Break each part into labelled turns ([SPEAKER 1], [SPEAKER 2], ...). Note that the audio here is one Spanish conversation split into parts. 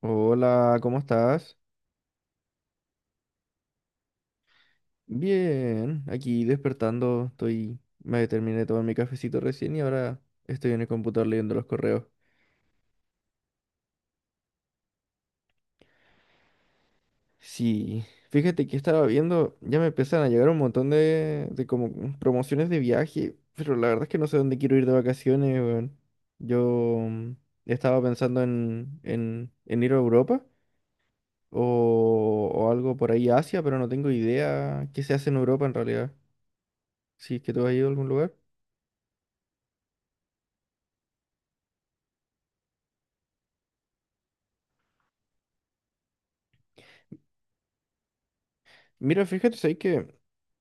[SPEAKER 1] Hola, ¿cómo estás? Bien, aquí despertando, estoy, me terminé de tomar mi cafecito recién y ahora estoy en el computador leyendo los correos. Sí, fíjate que estaba viendo, ya me empiezan a llegar un montón de como promociones de viaje, pero la verdad es que no sé dónde quiero ir de vacaciones, weón. Yo mm, estaba pensando en ir a Europa o algo por ahí, Asia, pero no tengo idea qué se hace en Europa en realidad. Si es que tú has ido a algún lugar. Mira, fíjate, sabes que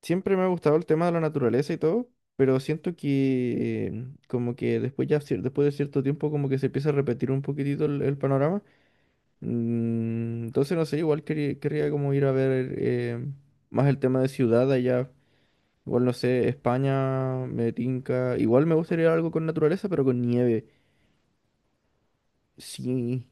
[SPEAKER 1] siempre me ha gustado el tema de la naturaleza y todo, pero siento que como que después ya después de cierto tiempo como que se empieza a repetir un poquitito el panorama. Entonces no sé, igual quería, querría como ir a ver más el tema de ciudad allá. Igual no sé, España, me tinca. Igual me gustaría algo con naturaleza, pero con nieve. Sí,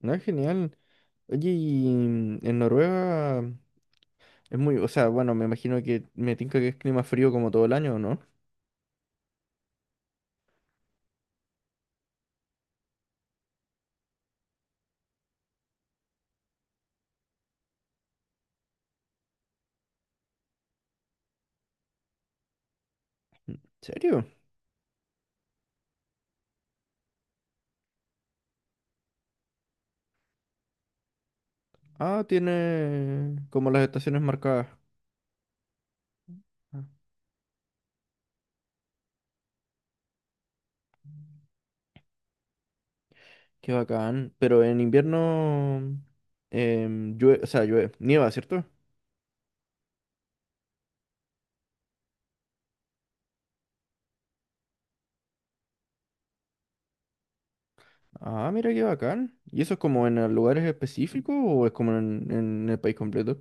[SPEAKER 1] no es genial. Oye, y en Noruega es muy, o sea, bueno, me imagino que me tinca que es clima frío como todo el año, ¿no? ¿Serio? Ah, tiene como las estaciones marcadas. Ah, qué bacán. Pero en invierno o sea, llueve, nieva, ¿cierto? Ah, mira qué bacán. ¿Y eso es como en lugares específicos o es como en el país completo?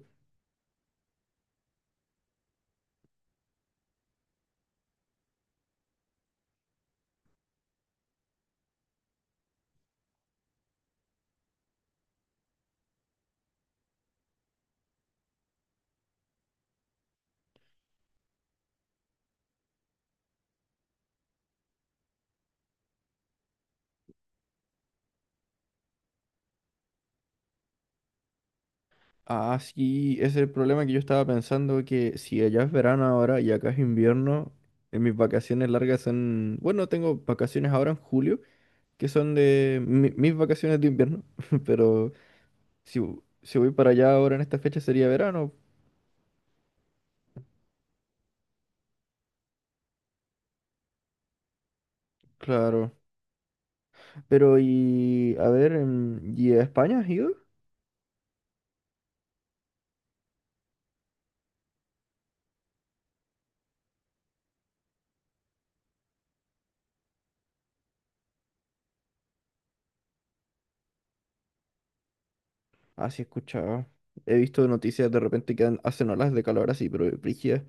[SPEAKER 1] Ah, sí, ese es el problema que yo estaba pensando que si allá es verano ahora y acá es invierno, en mis vacaciones largas son, bueno, tengo vacaciones ahora en julio, que son de mis vacaciones de invierno, pero si, si voy para allá ahora en esta fecha sería verano, claro. Pero, y a ver, ¿y a España has ido? Ah, sí, he escuchado. He visto noticias de repente que hacen olas de calor así, pero brígidas.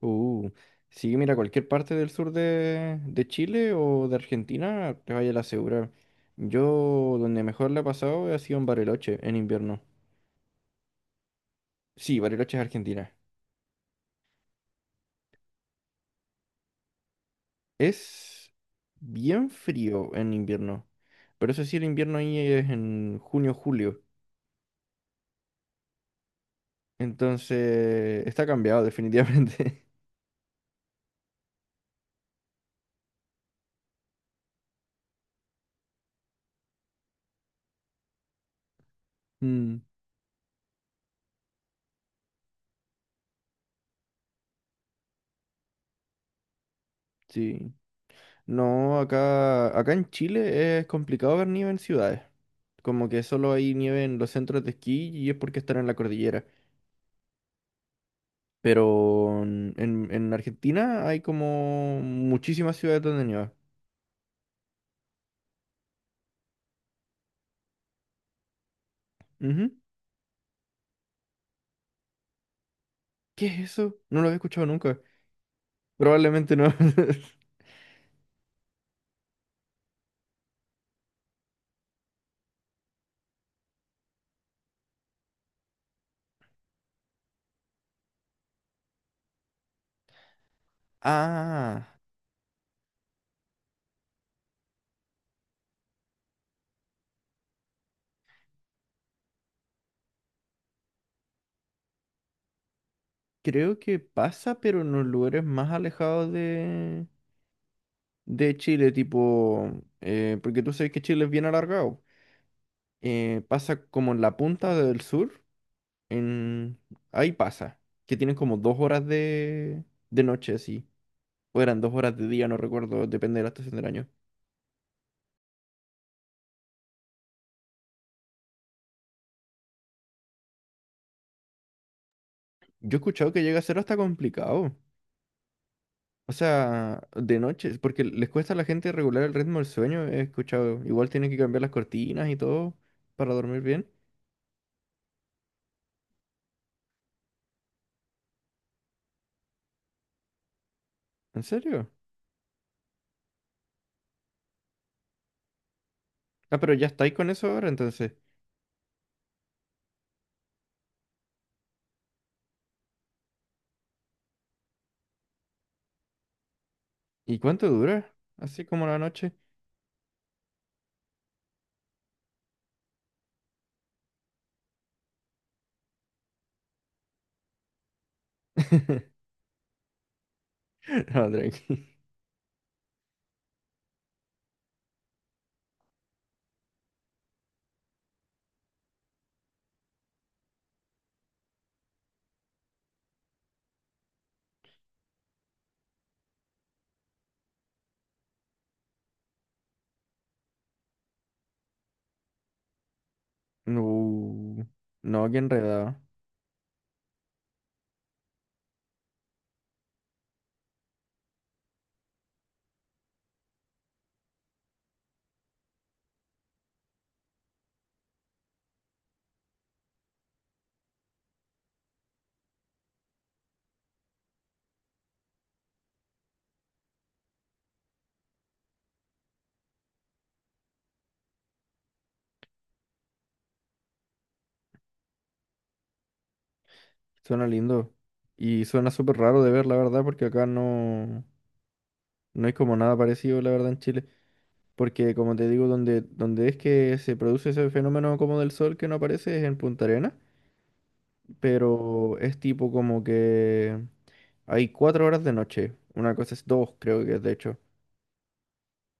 [SPEAKER 1] Uh, sí, mira, cualquier parte del sur de Chile o de Argentina, te vaya a la segura. Yo donde mejor la he pasado ha sido en Bariloche en invierno. Sí, Bariloche es Argentina. Es bien frío en invierno. Pero eso sí, el invierno ahí es en junio, julio. Entonces, está cambiado definitivamente. Mm, sí. No, acá en Chile es complicado ver nieve en ciudades. Como que solo hay nieve en los centros de esquí y es porque están en la cordillera. Pero en, en Argentina hay como muchísimas ciudades donde nieva. Ujú. ¿Qué es eso? No lo había escuchado nunca. Probablemente no. Ah, creo que pasa, pero en los lugares más alejados de Chile, tipo, porque tú sabes que Chile es bien alargado. Pasa como en la punta del sur, en... ahí pasa, que tienen como dos horas de noche, así. O eran dos horas de día, no recuerdo, depende de la estación del año. Yo he escuchado que llega a ser hasta complicado. O sea, de noche, porque les cuesta a la gente regular el ritmo del sueño, he escuchado. Igual tienen que cambiar las cortinas y todo para dormir bien. ¿En serio? Ah, pero ya estáis con eso ahora, entonces. ¿Y cuánto dura? Así como la noche. No, tranqui. Uh, no, qué enredado. Suena lindo. Y suena súper raro de ver, la verdad, porque acá no, no hay como nada parecido, la verdad, en Chile. Porque, como te digo, donde es que se produce ese fenómeno como del sol que no aparece es en Punta Arenas. Pero es tipo como que hay cuatro horas de noche. Una cosa es dos, creo que es de hecho.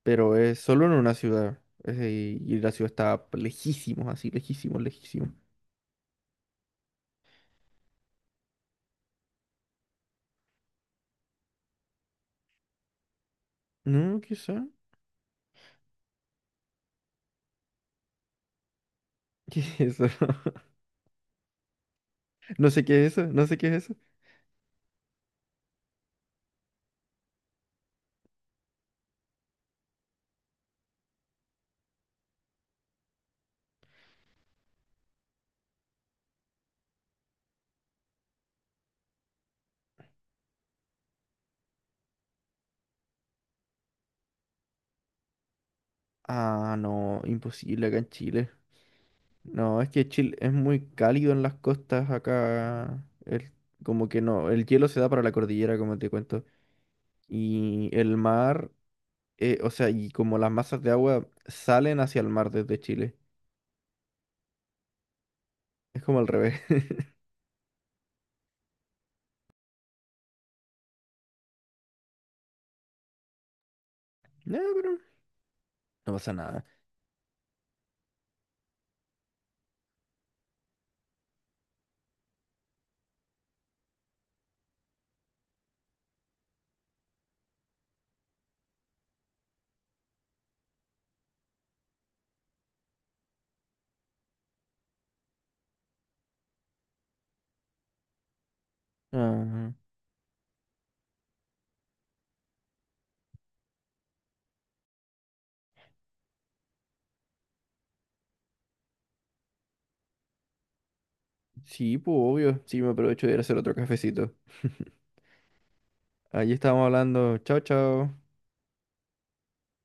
[SPEAKER 1] Pero es solo en una ciudad. Y la ciudad está lejísimos, así, lejísimos, lejísimos. No, quizá. ¿Qué es eso? No sé qué es eso, no sé qué es eso. Ah, no, imposible acá en Chile. No, es que Chile es muy cálido en las costas acá. Como que no, el hielo se da para la cordillera, como te cuento. Y el mar, o sea, y como las masas de agua salen hacia el mar desde Chile. Es como al revés. No, pero no pasa nada. Ah, sí, pues obvio. Sí, me aprovecho de ir a hacer otro cafecito. Allí estábamos hablando. Chao, chao.